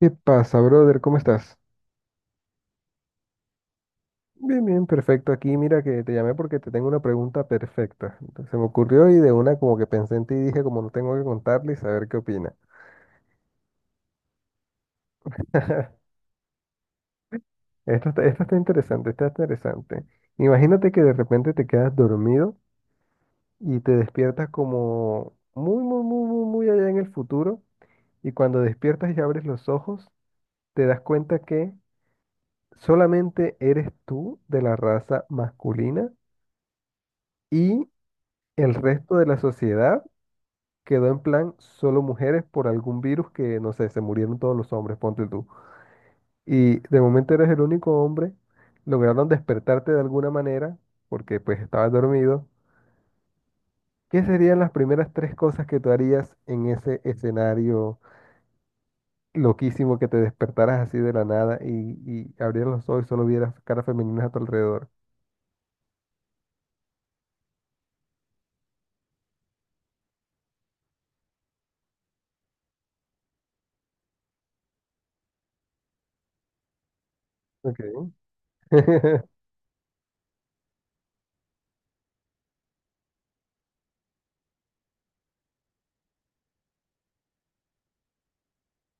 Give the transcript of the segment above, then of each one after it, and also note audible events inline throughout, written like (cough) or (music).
¿Qué pasa, brother? ¿Cómo estás? Bien, bien, perfecto. Aquí mira que te llamé porque te tengo una pregunta perfecta. Entonces, se me ocurrió y de una como que pensé en ti y dije como no tengo que contarle y saber qué opina. (laughs) Esto está interesante, está interesante. Imagínate que de repente te quedas dormido y te despiertas como muy, muy, muy, muy, muy allá en el futuro y cuando despiertas y abres los ojos, te das cuenta que solamente eres tú de la raza masculina y el resto de la sociedad quedó en plan solo mujeres por algún virus que, no sé, se murieron todos los hombres, ponte tú. Y de momento eres el único hombre, lograron despertarte de alguna manera, porque pues estabas dormido. ¿Qué serían las primeras tres cosas que tú harías en ese escenario loquísimo que te despertaras así de la nada y abrieras los ojos y solo vieras caras femeninas a tu alrededor? Ok. (laughs)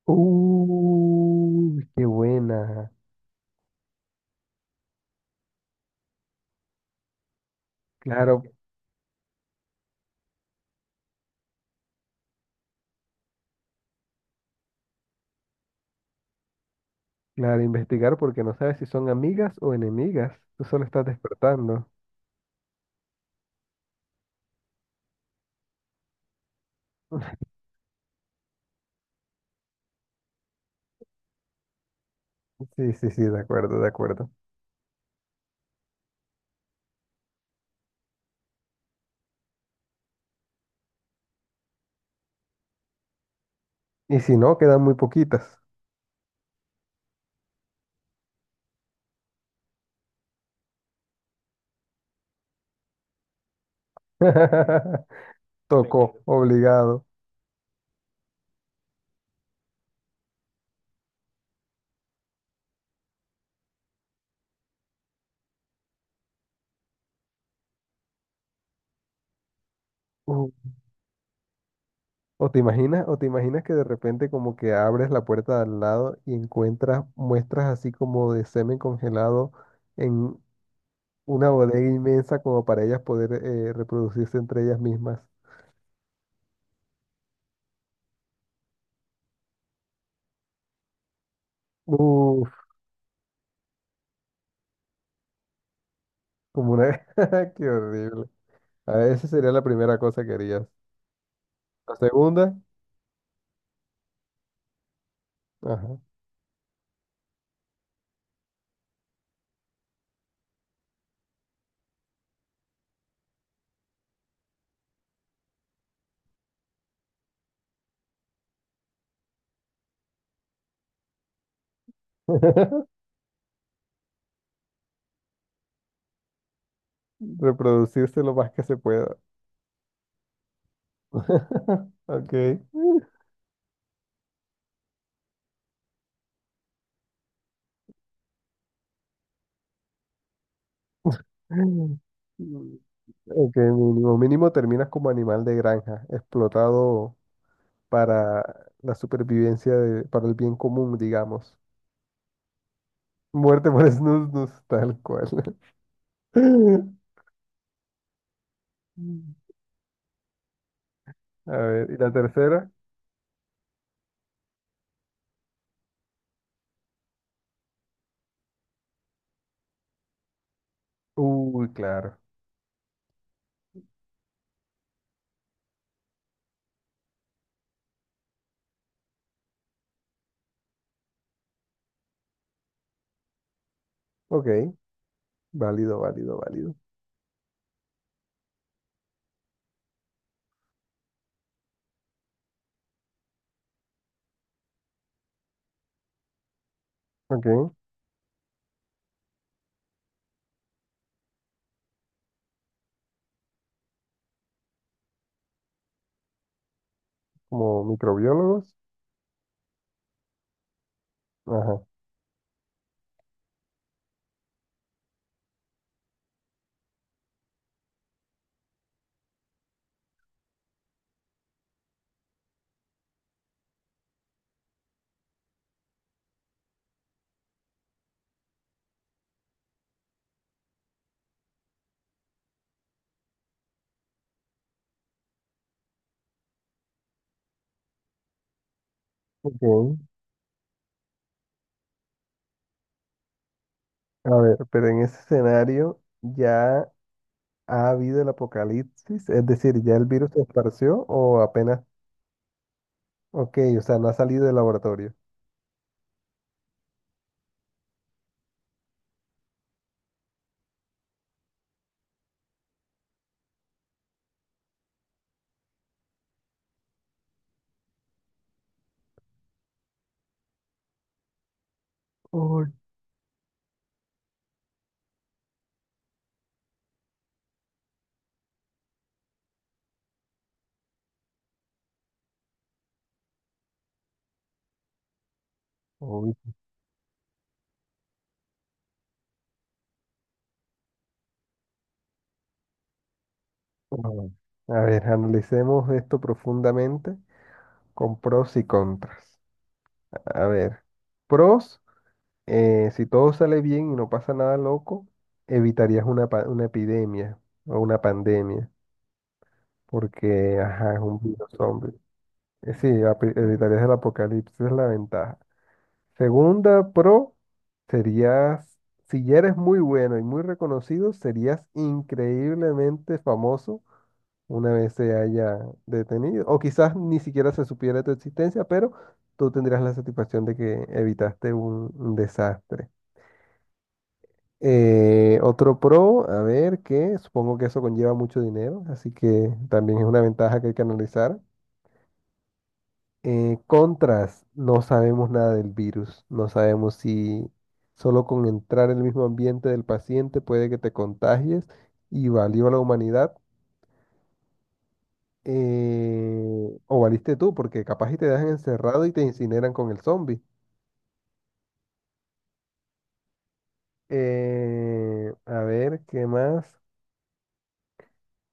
Qué buena. Claro, Claro, investigar porque no sabes si son amigas o enemigas. Tú solo estás despertando. Sí, sí, sí, de acuerdo, de acuerdo. Y si no, quedan muy poquitas. (laughs) Tocó, obligado. Uh, O te imaginas, o te imaginas que de repente como que abres la puerta de al lado y encuentras muestras así como de semen congelado en una bodega inmensa como para ellas poder reproducirse entre ellas mismas. Uf, como una... (laughs) Qué horrible. A esa sería la primera cosa que harías. La segunda, ajá. (laughs) Reproducirse lo más que se pueda. (laughs) Ok. Ok, mínimo. Mínimo terminas como animal de granja, explotado para la supervivencia, de- para el bien común, digamos. Muerte por snus, tal cual. (laughs) A ver, ¿y la tercera? Uy, claro. Ok, válido, válido, válido. Ok, como microbiólogos. Ajá. Ok. A ver, pero en ese escenario ya ha habido el apocalipsis, es decir, ya el virus se esparció o apenas, ok, o sea, no ha salido del laboratorio. Uy. Uy, uy. A ver, analicemos esto profundamente con pros y contras. A ver, pros, si todo sale bien y no pasa nada loco, evitarías una, pa- una epidemia o una pandemia, porque, ajá, es un virus zombie. Sí, api- evitarías el apocalipsis, es la ventaja. Segunda pro serías, si ya eres muy bueno y muy reconocido, serías increíblemente famoso una vez se haya detenido. O quizás ni siquiera se supiera tu existencia, pero tú tendrías la satisfacción de que evitaste un desastre. Otro pro, a ver, que supongo que eso conlleva mucho dinero, así que también es una ventaja que hay que analizar. Contras, no sabemos nada del virus, no sabemos si solo con entrar en el mismo ambiente del paciente puede que te contagies y valió la humanidad o valiste tú, porque capaz y te dejan encerrado y te incineran con el zombie. A ver, ¿qué más?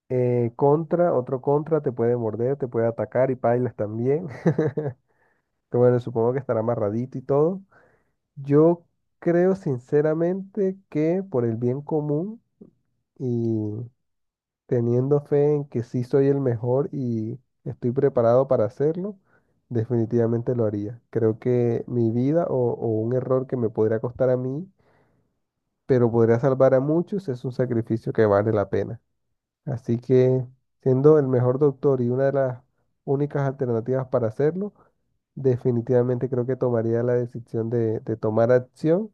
Contra, otro contra, te puede morder, te puede atacar y pailas también. (laughs) Que bueno, supongo que estará amarradito y todo. Yo creo sinceramente que por el bien común y teniendo fe en que sí soy el mejor y estoy preparado para hacerlo, definitivamente lo haría. Creo que mi vida o un error que me podría costar a mí, pero podría salvar a muchos, es un sacrificio que vale la pena. Así que, siendo el mejor doctor y una de las únicas alternativas para hacerlo, definitivamente creo que tomaría la decisión de tomar acción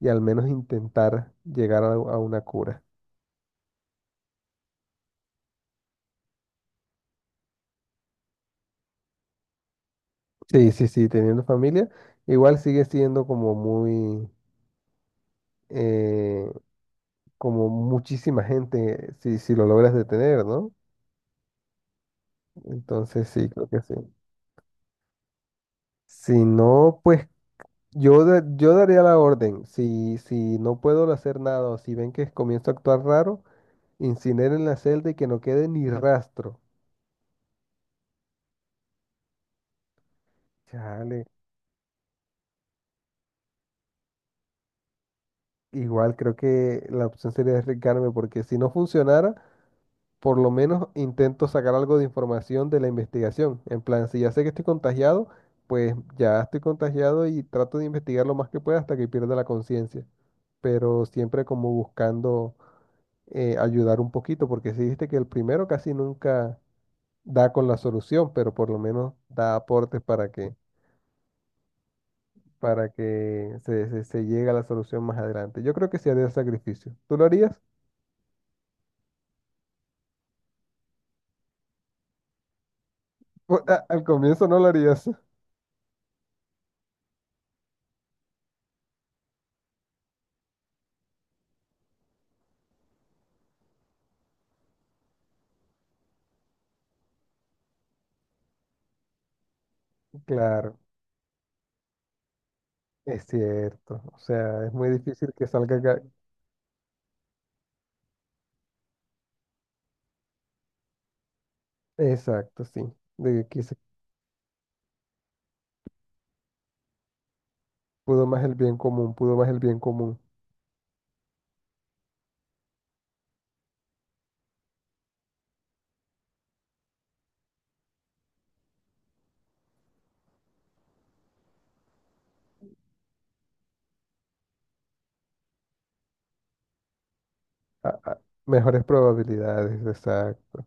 y al menos intentar llegar a una cura. Sí, sí, sí, teniendo familia, igual sigue siendo como muy, eh, como muchísima gente si, si lo logras detener, ¿no? Entonces sí, creo que sí. Si no, pues yo, da- yo daría la orden, si, si no puedo hacer nada o si ven que comienzo a actuar raro, incineren la celda y que no quede ni rastro. Chale, igual creo que la opción sería arriesgarme porque si no funcionara, por lo menos intento sacar algo de información de la investigación. En plan, si ya sé que estoy contagiado, pues ya estoy contagiado y trato de investigar lo más que pueda hasta que pierda la conciencia, pero siempre como buscando ayudar un poquito, porque si viste que el primero casi nunca da con la solución, pero por lo menos da aportes para que, para que se llegue a la solución más adelante. Yo creo que sí haría el sacrificio. ¿Tú lo harías? (laughs) Pues, a- al comienzo no lo harías. (laughs) Claro, es cierto. O sea, es muy difícil que salga... ga- Exacto, sí. De que se pudo más el bien común, pudo más el bien común. A- mejores probabilidades, exacto.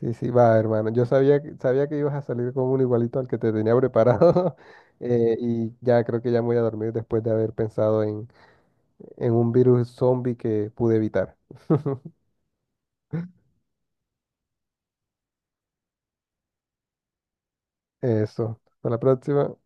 Sí, sí, va, hermano. Yo sabía que ibas a salir con un igualito al que te tenía preparado. (laughs) Eh, y ya creo que ya me voy a dormir después de haber pensado en un virus zombie que pude evitar. Eso. Hasta la próxima.